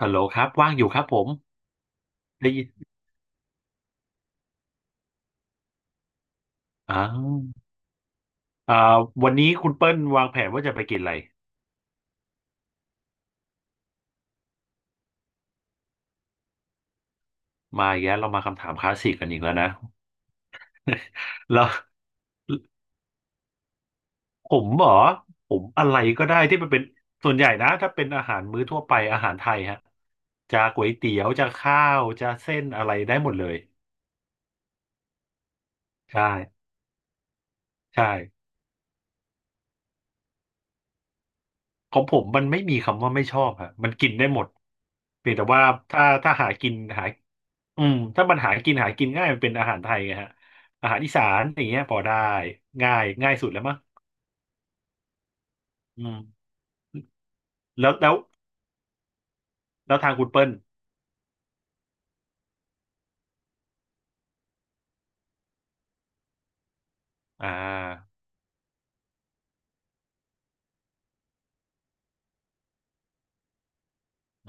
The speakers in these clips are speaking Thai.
ฮัลโหลครับว่างอยู่ครับผมได้ยินอ่าวอ่าวันนี้คุณเปิ้ลวางแผนว่าจะไปกินอะไรมาอีกแล้วเรามาคำถามคลาสสิกกันอีกแล้วนะแล้วผมเหรอผมอะไรก็ได้ที่มันเป็นส่วนใหญ่นะถ้าเป็นอาหารมื้อทั่วไปอาหารไทยฮะจะก๋วยเตี๋ยวจะข้าวจะเส้นอะไรได้หมดเลยใช่ใช่ของผมมันไม่มีคำว่าไม่ชอบฮะมันกินได้หมดเพียงแต่ว่าถ้าหากินหา อืมถ้ามันหากินหากินง่ายมันเป็นอาหารไทยไงฮะอาหารอีสานอย่างเงี้ยพอได้ง่ายสุดแล้วมั้งอืมแล้วแล้วแล้วทางคุณเปิ้ลอ่า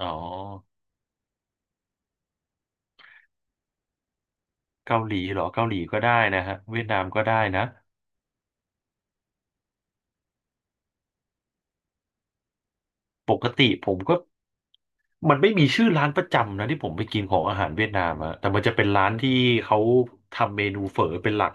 อ๋อเกาหลีเหรอเกาหลีก็ได้นะฮะเวียดนามก็ได้นะปกติผมก็มันไม่มีชื่อร้านประจำนะที่ผมไปกินของอาหารเวียดนามอะแต่มันจะเป็นร้านที่เขาทำเมนูเฝอเป็นหลัก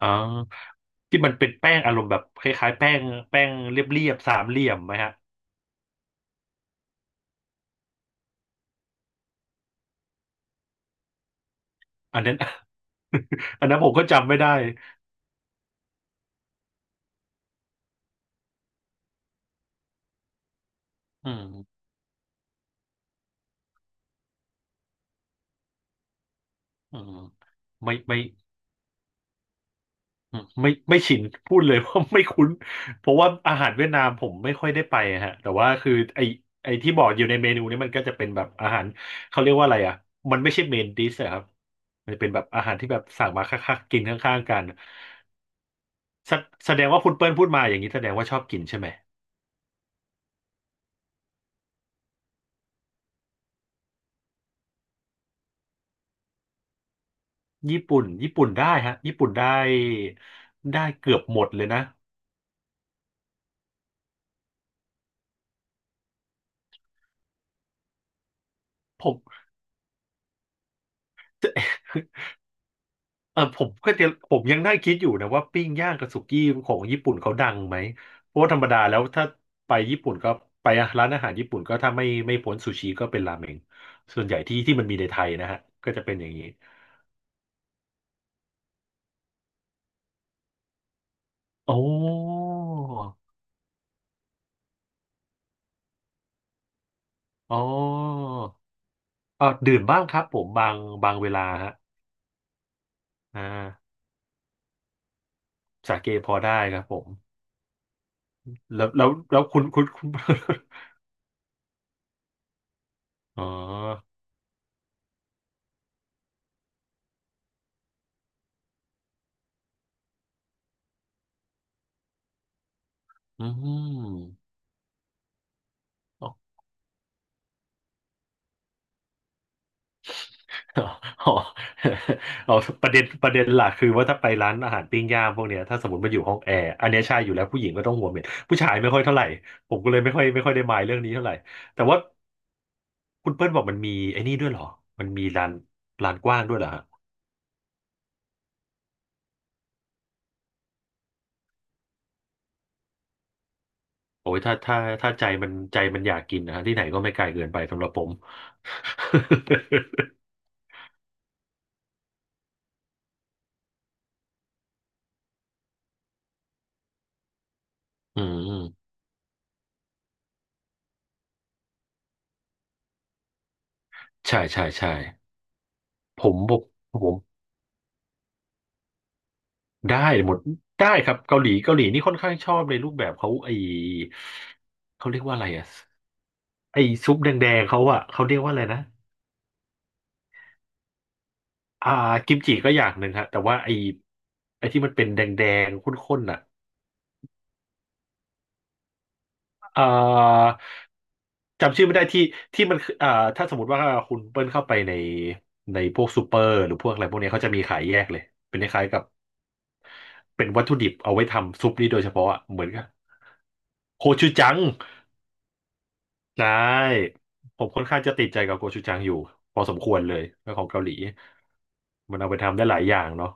อ่าที่มันเป็นแป้งอารมณ์แบบคล้ายๆแป้งแป้งเรียบๆสามเหลี่ยมไหมฮะอันนั้น อันนั้นผมก็จำไม่ได้ อืมอืมไม่อืมไม่ชินพูดเลย ว่าไม่คุ้นเพราะว่าอาหารเวียดนามผมไม่ค่อยได้ไปอะฮะแต่ว่าคือไอไอที่บอกอยู่ในเมนูนี่มันก็จะเป็นแบบอาหารเขาเรียกว่าอะไรอ่ะมันไม่ใช่เมนดิสอะครับมันเป็นแบบอาหารที่แบบสั่งมาคักๆกินข้างๆกันแสแสดงว่าคุณเปิ้ลพูดมาอย่างนี้แสดงว่าชอบกินใช่ไหมญี่ปุ่นได้ฮะญี่ปุ่นได้ได้เกือบหมดเลยนะผม เออผมก็จะผมยังได้คิดอยู่นะว่าปิ้งย่างกับสุกี้ของญี่ปุ่นเขาดังไหมเพราะว่าธรรมดาแล้วถ้าไปญี่ปุ่นก็ไปร้านอาหารญี่ปุ่นก็ถ้าไม่พ้นซูชิก็เป็นราเมงส่วนใหญ่ที่มันมีในไทยนะฮะก็จะเป็นอย่างนี้โอ้อ๋อเออดื่มบ้างครับผมบางบางเวลาฮะอ่าสาเกพอได้ครับผมแล้วคุณ อ๋ออืม อ๋อ อ๋อเอาประเด็นหลักคือว่าถ้าไปร้านอาหารปิ้งย่างพวกเนี้ยถ้าสมมติมาอยู่ห้องแอร์อันเนี้ยใช่อยู่แล้วผู้หญิงก็ต้องหัวเหม็นผู้ชายไม่ค่อยเท่าไหร่ผมก็เลยไม่ค่อยได้มายเรื่องนี้เท่าไหร่แต่ว่าคุณเปิ้ลบอกมันมีไอ้นี่ด้วยเหรอมันมีร้านร้านกว้างด้วยเหรอฮะโอ้ยถ้าถ้าใจมันใจมันอยากกินนะฮะที่ไหนก็ไม่ไกลเกินไปสำหรับผม อืมใช่ใช่ผมผผม ได้หมดได้ครับเกาหลีนี่ค่อนข้างชอบในรูปแบบเขาไอเขาเรียกว่าอะไรอะไอซุปแดงๆเขาอะเขาเรียกว่าอะไรนะอ่ากิมจิก็อย่างหนึ่งฮะแต่ว่าไอไอที่มันเป็นแดงๆข้นๆอะอ่าจำชื่อไม่ได้ที่มันคืออ่าถ้าสมมติว่าคุณเปิ้ลเข้าไปในพวกซูเปอร์หรือพวกอะไรพวกเนี้ยเขาจะมีขายแยกเลยเป็นคล้ายๆกับเป็นวัตถุดิบเอาไว้ทำซุปนี้โดยเฉพาะอะเหมือนกับโคชูจัง ใช่ผมค่อนข้างจะติดใจกับโกชูจังอยู่พอสมควรเลยเรื่องของเกาหลีมันเอาไปทำได้หลายอย่างเนาะ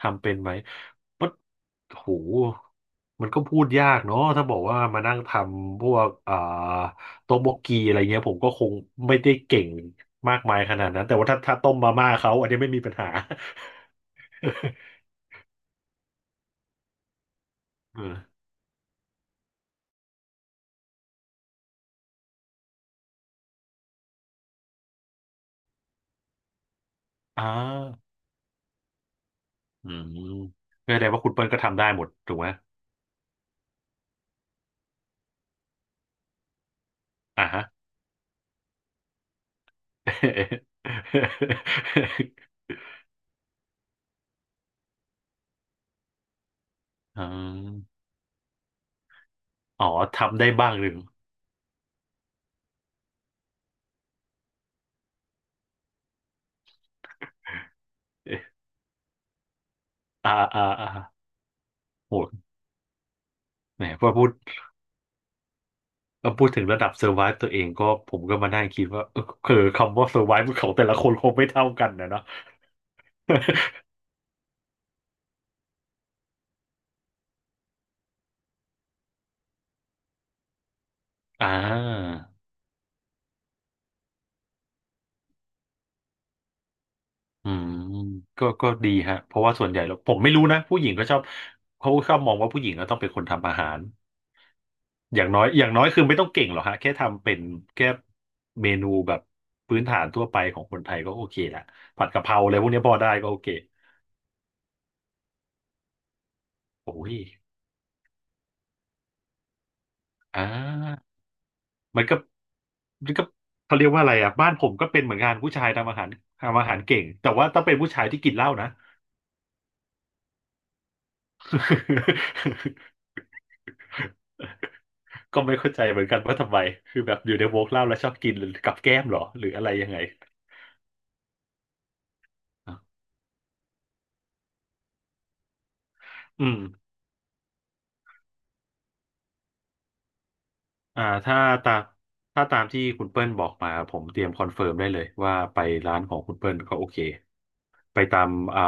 ทำเป็นไหมปั๊ดโหมันก็พูดยากเนาะถ้าบอกว่ามานั่งทำพวกอ่าโต๊ะบกกีอะไรเงี้ยผมก็คงไม่ได้เก่งมากมายขนาดนั้นแต่ว่าถ้าต้มมาม่าเขาอันนี้ไม่มีปัญหา เอออ่าอืมก็แสดงว่าคุณเปิ้ลก็ทำได้หมดถูกไหมอ่าฮะ อ๋ออ๋อทำได้บ้างหรือเอ๊ะอ่าโหแหมพอพูดถึงระดับเซอร์ไวส์ตัวเองก็ผมก็มานั่งคิดว่าเออคือคำว่าเซอร์ไวส์ของแต่ละคนคงไม่เท่ากันนะเนาะ อ่าอืมก็ก็ดีฮะเพราะว่าส่วนใหญ่แล้วผมไม่รู้นะผู้หญิงก็ชอบเขาชอบมองว่าผู้หญิงก็ต้องเป็นคนทำอาหารอย่างน้อยคือไม่ต้องเก่งหรอกฮะแค่ทำเป็นแค่เมนูแบบพื้นฐานทั่วไปของคนไทยก็โอเคละผัดกะเพราอะไรพวกนี้พอได้ก็โอเคโอ้ย อ่ามันก็มันก็เขาเรียกว่าอะไรอ่ะบ้านผมก็เป็นเหมือนกันผู้ชายทำอาหารทำอาหารเก่งแต่ว่าต้องเป็นผู้ชายที่กินเหล้านะ ก็ไม่เข้าใจเหมือนกันว่าทำไมคือแบบอยู่ในวงเล่าแล้วชอบกินหรือกับแก้มเหรอหรืออะไรยังไงอืมอ่าตามถ้าตามที่คุณเปิ้ลบอกมาผมเตรียมคอนเฟิร์มได้เลยว่าไปร้านของคุณเปิ้ลก็โอเคไปตามอ่า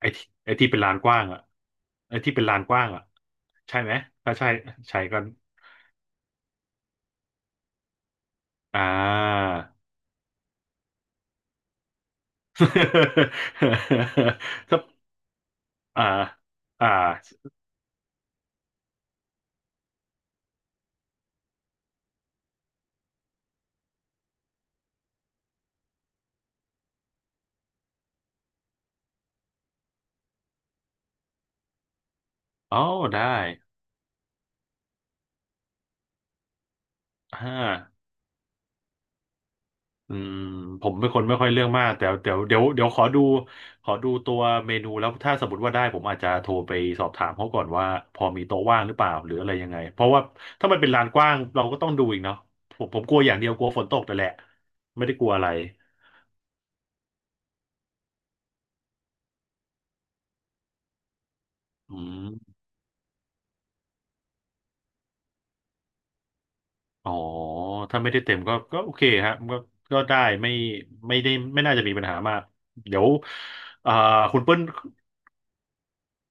ไอ้ที่เป็นลานกว้างอ่ะไอ้ที่เป็นลานกว้างอ่ะใช่ไหมถ้าใช่ใช่ก็ อ่า ถ้าอ่าอ่าอ๋อได้อ่าอืมผมเป็นคนไม่ค่อยเรื่องมากแต่เดี๋ยวขอดูขอดูตัวเมนูแล้วถ้าสมมติว่าได้ผมอาจจะโทรไปสอบถามเขาก่อนว่าพอมีโต๊ะว่างหรือเปล่าหรืออะไรยังไงเพราะว่าถ้ามันเป็นลานกว้างเราก็ต้องดูอีกเนาะผมกลัวอย่างเดียวกลัวฝนตกแต่นแหละไม่ได้กลัวอะไรอืม อ๋อถ้าไม่ได้เต็มก็ก็โอเคฮะก็ก็ได้ไม่ไม่ได้ไม่น่าจะมีปัญหามากเดี๋ยวอ่าคุณเปิ้ล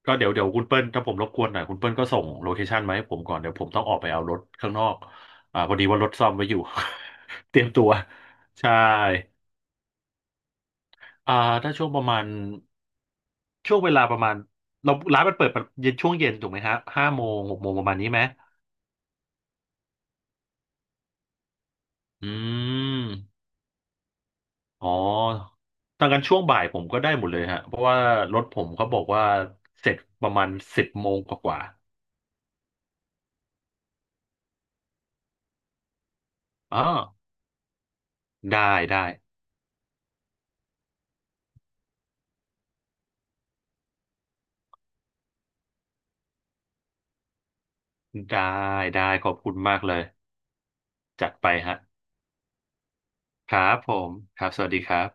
ก็เดี๋ยวคุณเปิ้ลถ้าผมรบกวนหน่อยคุณเปิ้ลก็ส่งโลเคชันมาให้ผมก่อนเดี๋ยวผมต้องออกไปเอารถข้างนอกอ่าพอดีว่ารถซ่อมไว้อยู่ เตรียมตัวใช่อ่าถ้าช่วงประมาณช่วงเวลาประมาณเราร้านมันเปิดเย็นช่วงเย็นถูกไหมฮะ5 โมง6 โมงประมาณนี้ไหมอืม อ๋อดังกันช่วงบ่ายผมก็ได้หมดเลยฮะเพราะว่ารถผมเขาบอกว่าเสร็จประมาณ10 โมงกว่าๆอ๋อได้ได้ได้ได้ขอบคุณมากเลยจัดไปฮะครับผมครับสวัสดีครับ